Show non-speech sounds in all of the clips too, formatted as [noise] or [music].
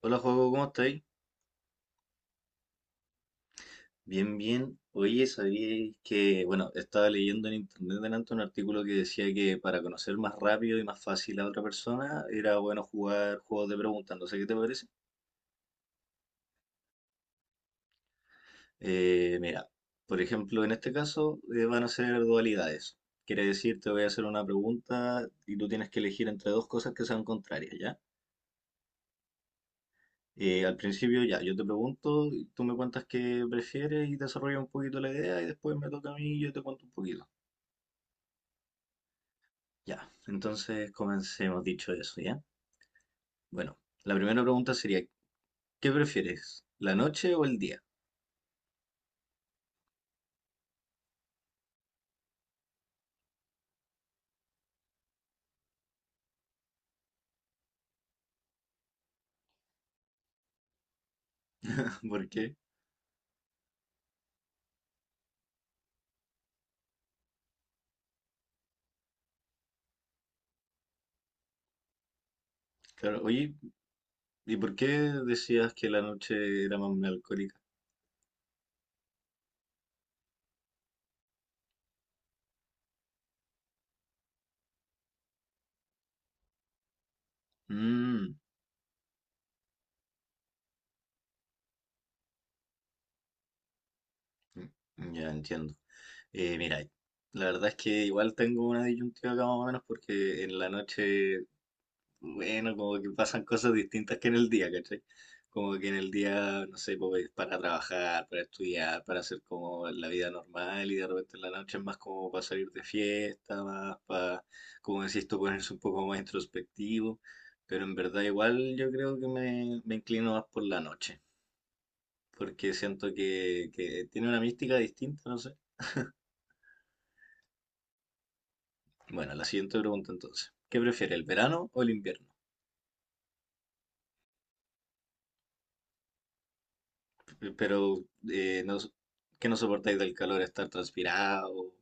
Hola, juego, ¿cómo estáis? Bien, bien. Oye, sabíais que, bueno, estaba leyendo en internet delante un artículo que decía que para conocer más rápido y más fácil a otra persona era bueno jugar juegos de preguntas. No sé qué te parece. Mira, por ejemplo, en este caso van a ser dualidades. Quiere decir, te voy a hacer una pregunta y tú tienes que elegir entre dos cosas que sean contrarias, ¿ya? Al principio, ya, yo te pregunto, y tú me cuentas qué prefieres y desarrollas un poquito la idea y después me toca a mí y yo te cuento un poquito. Ya, entonces comencemos dicho eso, ¿ya? Bueno, la primera pregunta sería, ¿qué prefieres, la noche o el día? [laughs] ¿Por qué? Claro, oye, ¿y por qué decías que la noche era más melancólica? Mm, mm, ya entiendo. Mira, la verdad es que igual tengo una disyuntiva acá más o menos porque en la noche, bueno, como que pasan cosas distintas que en el día, ¿cachai? Como que en el día, no sé, pues es para trabajar, para estudiar, para hacer como la vida normal, y de repente en la noche es más como para salir de fiesta, más para, como decís tú, ponerse un poco más introspectivo. Pero en verdad igual yo creo que me inclino más por la noche, porque siento que tiene una mística distinta, no sé. Bueno, la siguiente pregunta entonces. ¿Qué prefiere, el verano o el invierno? Pero no, que no soportáis del calor, estar transpirado,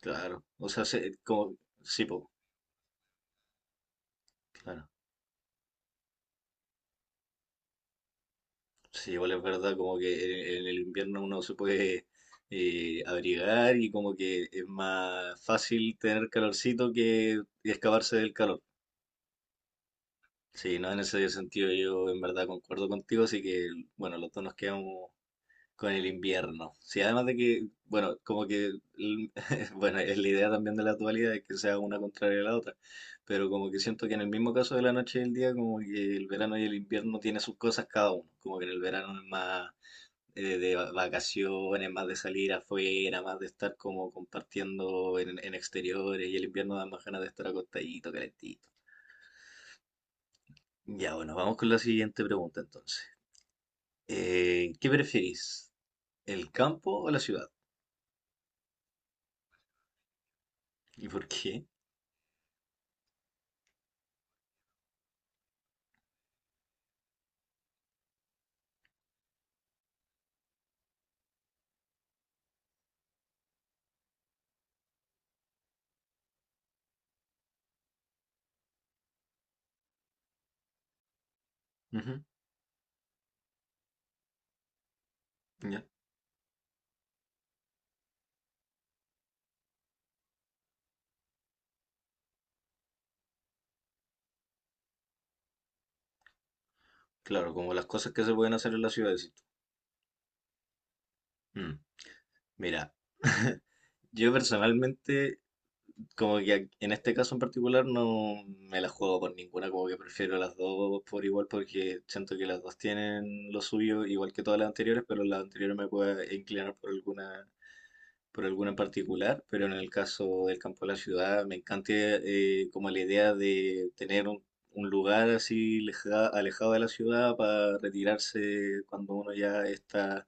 claro. O sea, como, sí, po, claro. Sí, igual es verdad, como que en el invierno uno se puede abrigar, y como que es más fácil tener calorcito que escaparse del calor. Sí, no, en ese sentido yo en verdad concuerdo contigo, así que bueno, los dos nos quedamos con el invierno. Sí, además de que, bueno, como que, el- [laughs] bueno, es la idea también de la actualidad, es que sea una contraria a la otra, pero como que siento que en el mismo caso de la noche y el día, como que el verano y el invierno tiene sus cosas cada uno, como que en el verano es más vacaciones, más de salir afuera, más de estar como compartiendo en exteriores, y el invierno da más ganas de estar acostadito, calentito. Ya, bueno, vamos con la siguiente pregunta entonces. ¿Qué preferís? ¿El campo o la ciudad? ¿Y por qué? Ujú, ya. Claro, como las cosas que se pueden hacer en la ciudad, decís tú. Mm, mira, [laughs] yo personalmente, como que en este caso en particular, no me la juego con ninguna, como que prefiero las dos por igual, porque siento que las dos tienen lo suyo, igual que todas las anteriores, pero las anteriores me puedo inclinar por alguna, por alguna en particular, pero en el caso del campo de la ciudad me encanta como la idea de tener un lugar así alejado de la ciudad para retirarse cuando uno ya está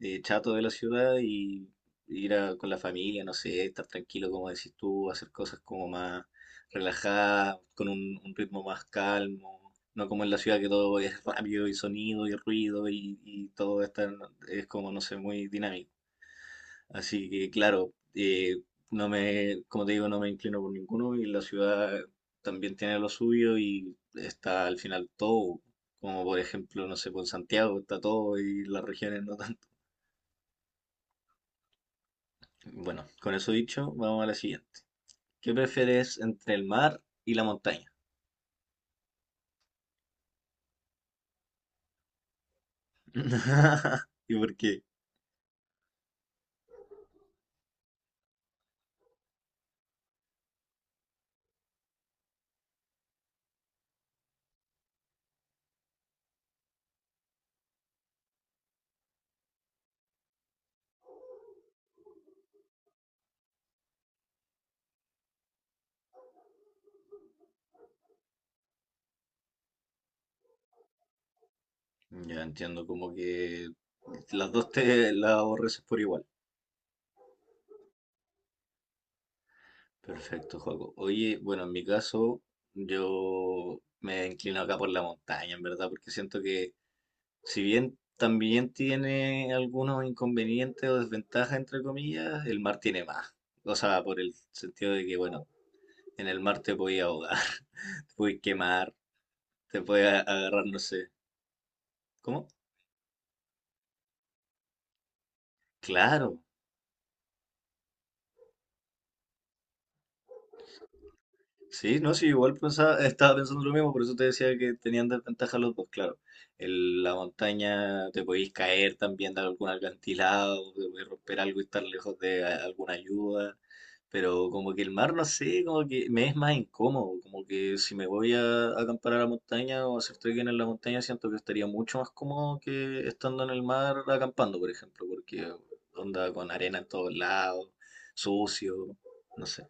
chato de la ciudad, y con la familia, no sé, estar tranquilo como decís tú, hacer cosas como más relajadas, con un ritmo más calmo. No como en la ciudad, que todo es rápido y sonido y ruido y todo está, es como, no sé, muy dinámico. Así que, claro, no me, como te digo, no me inclino por ninguno, y la ciudad también tiene lo suyo y está al final todo, como por ejemplo, no sé, por Santiago está todo y las regiones no tanto. Bueno, con eso dicho, vamos a la siguiente. ¿Qué prefieres entre el mar y la montaña? [laughs] ¿Y por qué? Ya entiendo, como que las dos te las aborreces por igual. Perfecto, Joaco. Oye, bueno, en mi caso, yo me inclino acá por la montaña, en verdad, porque siento que si bien también tiene algunos inconvenientes o desventajas, entre comillas, el mar tiene más. O sea, por el sentido de que, bueno, en el mar te puedes ahogar, [laughs] te puedes quemar, te puedes agarrar, no sé. ¿Cómo? Claro. Sí, no, sí, igual estaba pensando lo mismo, por eso te decía que tenían desventaja los dos, claro. En la montaña te podéis caer también de algún alcantilado, te podéis romper algo y estar lejos de alguna ayuda, pero como que el mar, no sé, como que me es más incómodo, como que si me voy a acampar a la montaña o a hacer trekking en la montaña, siento que estaría mucho más cómodo que estando en el mar acampando, por ejemplo, porque onda con arena en todos lados, sucio, no sé.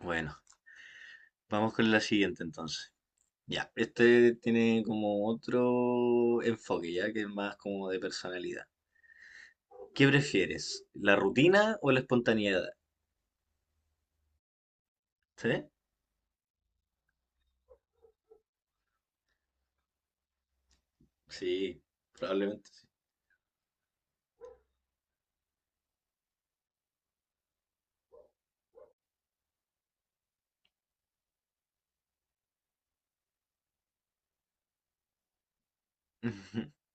Bueno, vamos con la siguiente entonces. Ya, este tiene como otro enfoque, ya que es más como de personalidad. ¿Qué prefieres, la rutina o la espontaneidad? ¿Sí? Sí, probablemente sí. [laughs]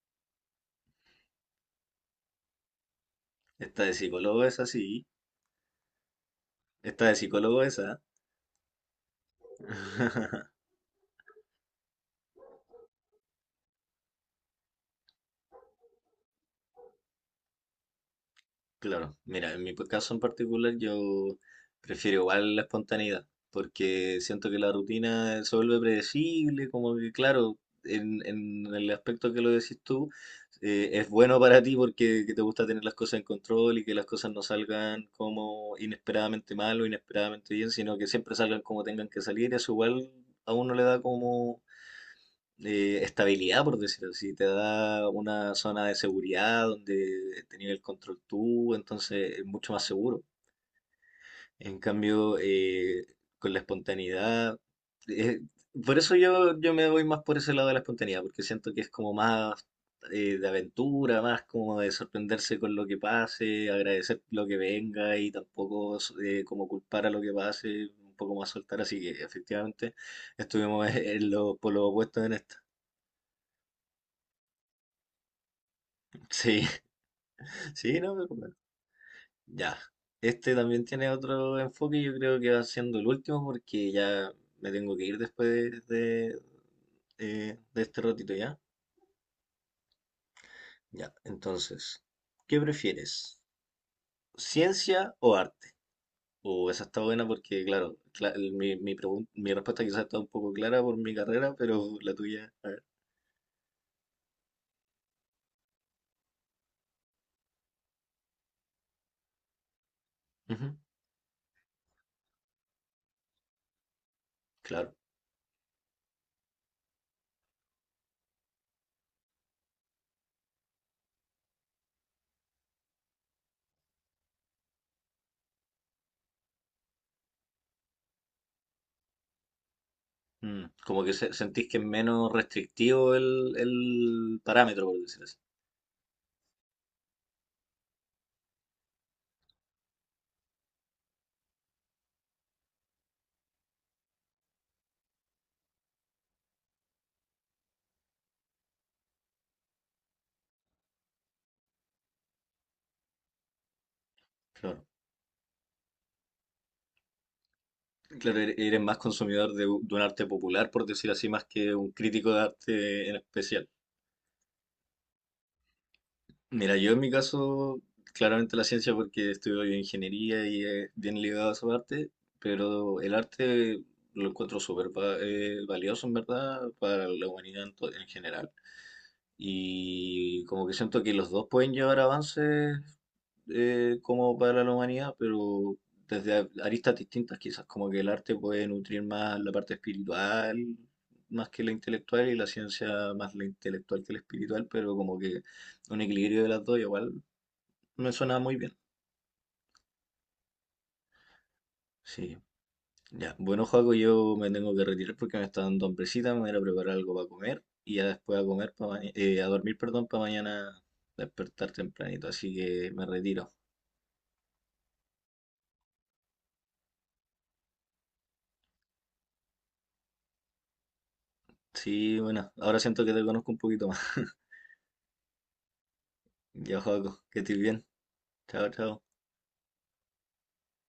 Esta de psicólogo es así. Esta de psicólogo esa. [laughs] Claro, mira, en mi caso en particular yo prefiero igual la espontaneidad, porque siento que la rutina se vuelve predecible, como que claro, en el aspecto que lo decís tú, es bueno para ti porque que te gusta tener las cosas en control y que las cosas no salgan como inesperadamente mal o inesperadamente bien, sino que siempre salgan como tengan que salir, eso igual a uno le da como estabilidad, por decirlo así. Te da una zona de seguridad donde tenías el control tú, entonces es mucho más seguro. En cambio, con la espontaneidad, eh, por eso yo me voy más por ese lado de la espontaneidad, porque siento que es como más de aventura, más como de sorprenderse con lo que pase, agradecer lo que venga, y tampoco como culpar a lo que pase, un poco más soltar. Así que efectivamente estuvimos [laughs] en los polos opuestos en esta. Sí. Sí, no, pero bueno, ya. Este también tiene otro enfoque y yo creo que va siendo el último porque ya me tengo que ir después de de este ratito ya. Ya, entonces, ¿qué prefieres? ¿Ciencia o arte? O esa está buena porque, claro, mi respuesta quizás está un poco clara por mi carrera, pero la tuya, a ver. Ujú, claro. Mm, como que sentís que es menos restrictivo el parámetro, por decirlo así. Claro. Claro, eres más consumidor de un arte popular, por decir así, más que un crítico de arte en especial. Mira, yo en mi caso, claramente la ciencia porque estudio ingeniería y es bien ligado a su arte, pero el arte lo encuentro súper valioso en verdad para la humanidad en general. Y como que siento que los dos pueden llevar avances como para la humanidad, pero desde aristas distintas quizás, como que el arte puede nutrir más la parte espiritual, más que la intelectual, y la ciencia más la intelectual que la espiritual, pero como que un equilibrio de las dos igual me suena muy bien. Sí, ya. Bueno, Joaco, yo me tengo que retirar porque me está dando hambrecita, me voy a ir a preparar algo para comer y ya después a comer a dormir, perdón, para mañana despertar tempranito, así que me retiro. Sí, bueno, ahora siento que te conozco un poquito más. Yo, juego, que estoy bien. Chao, chao.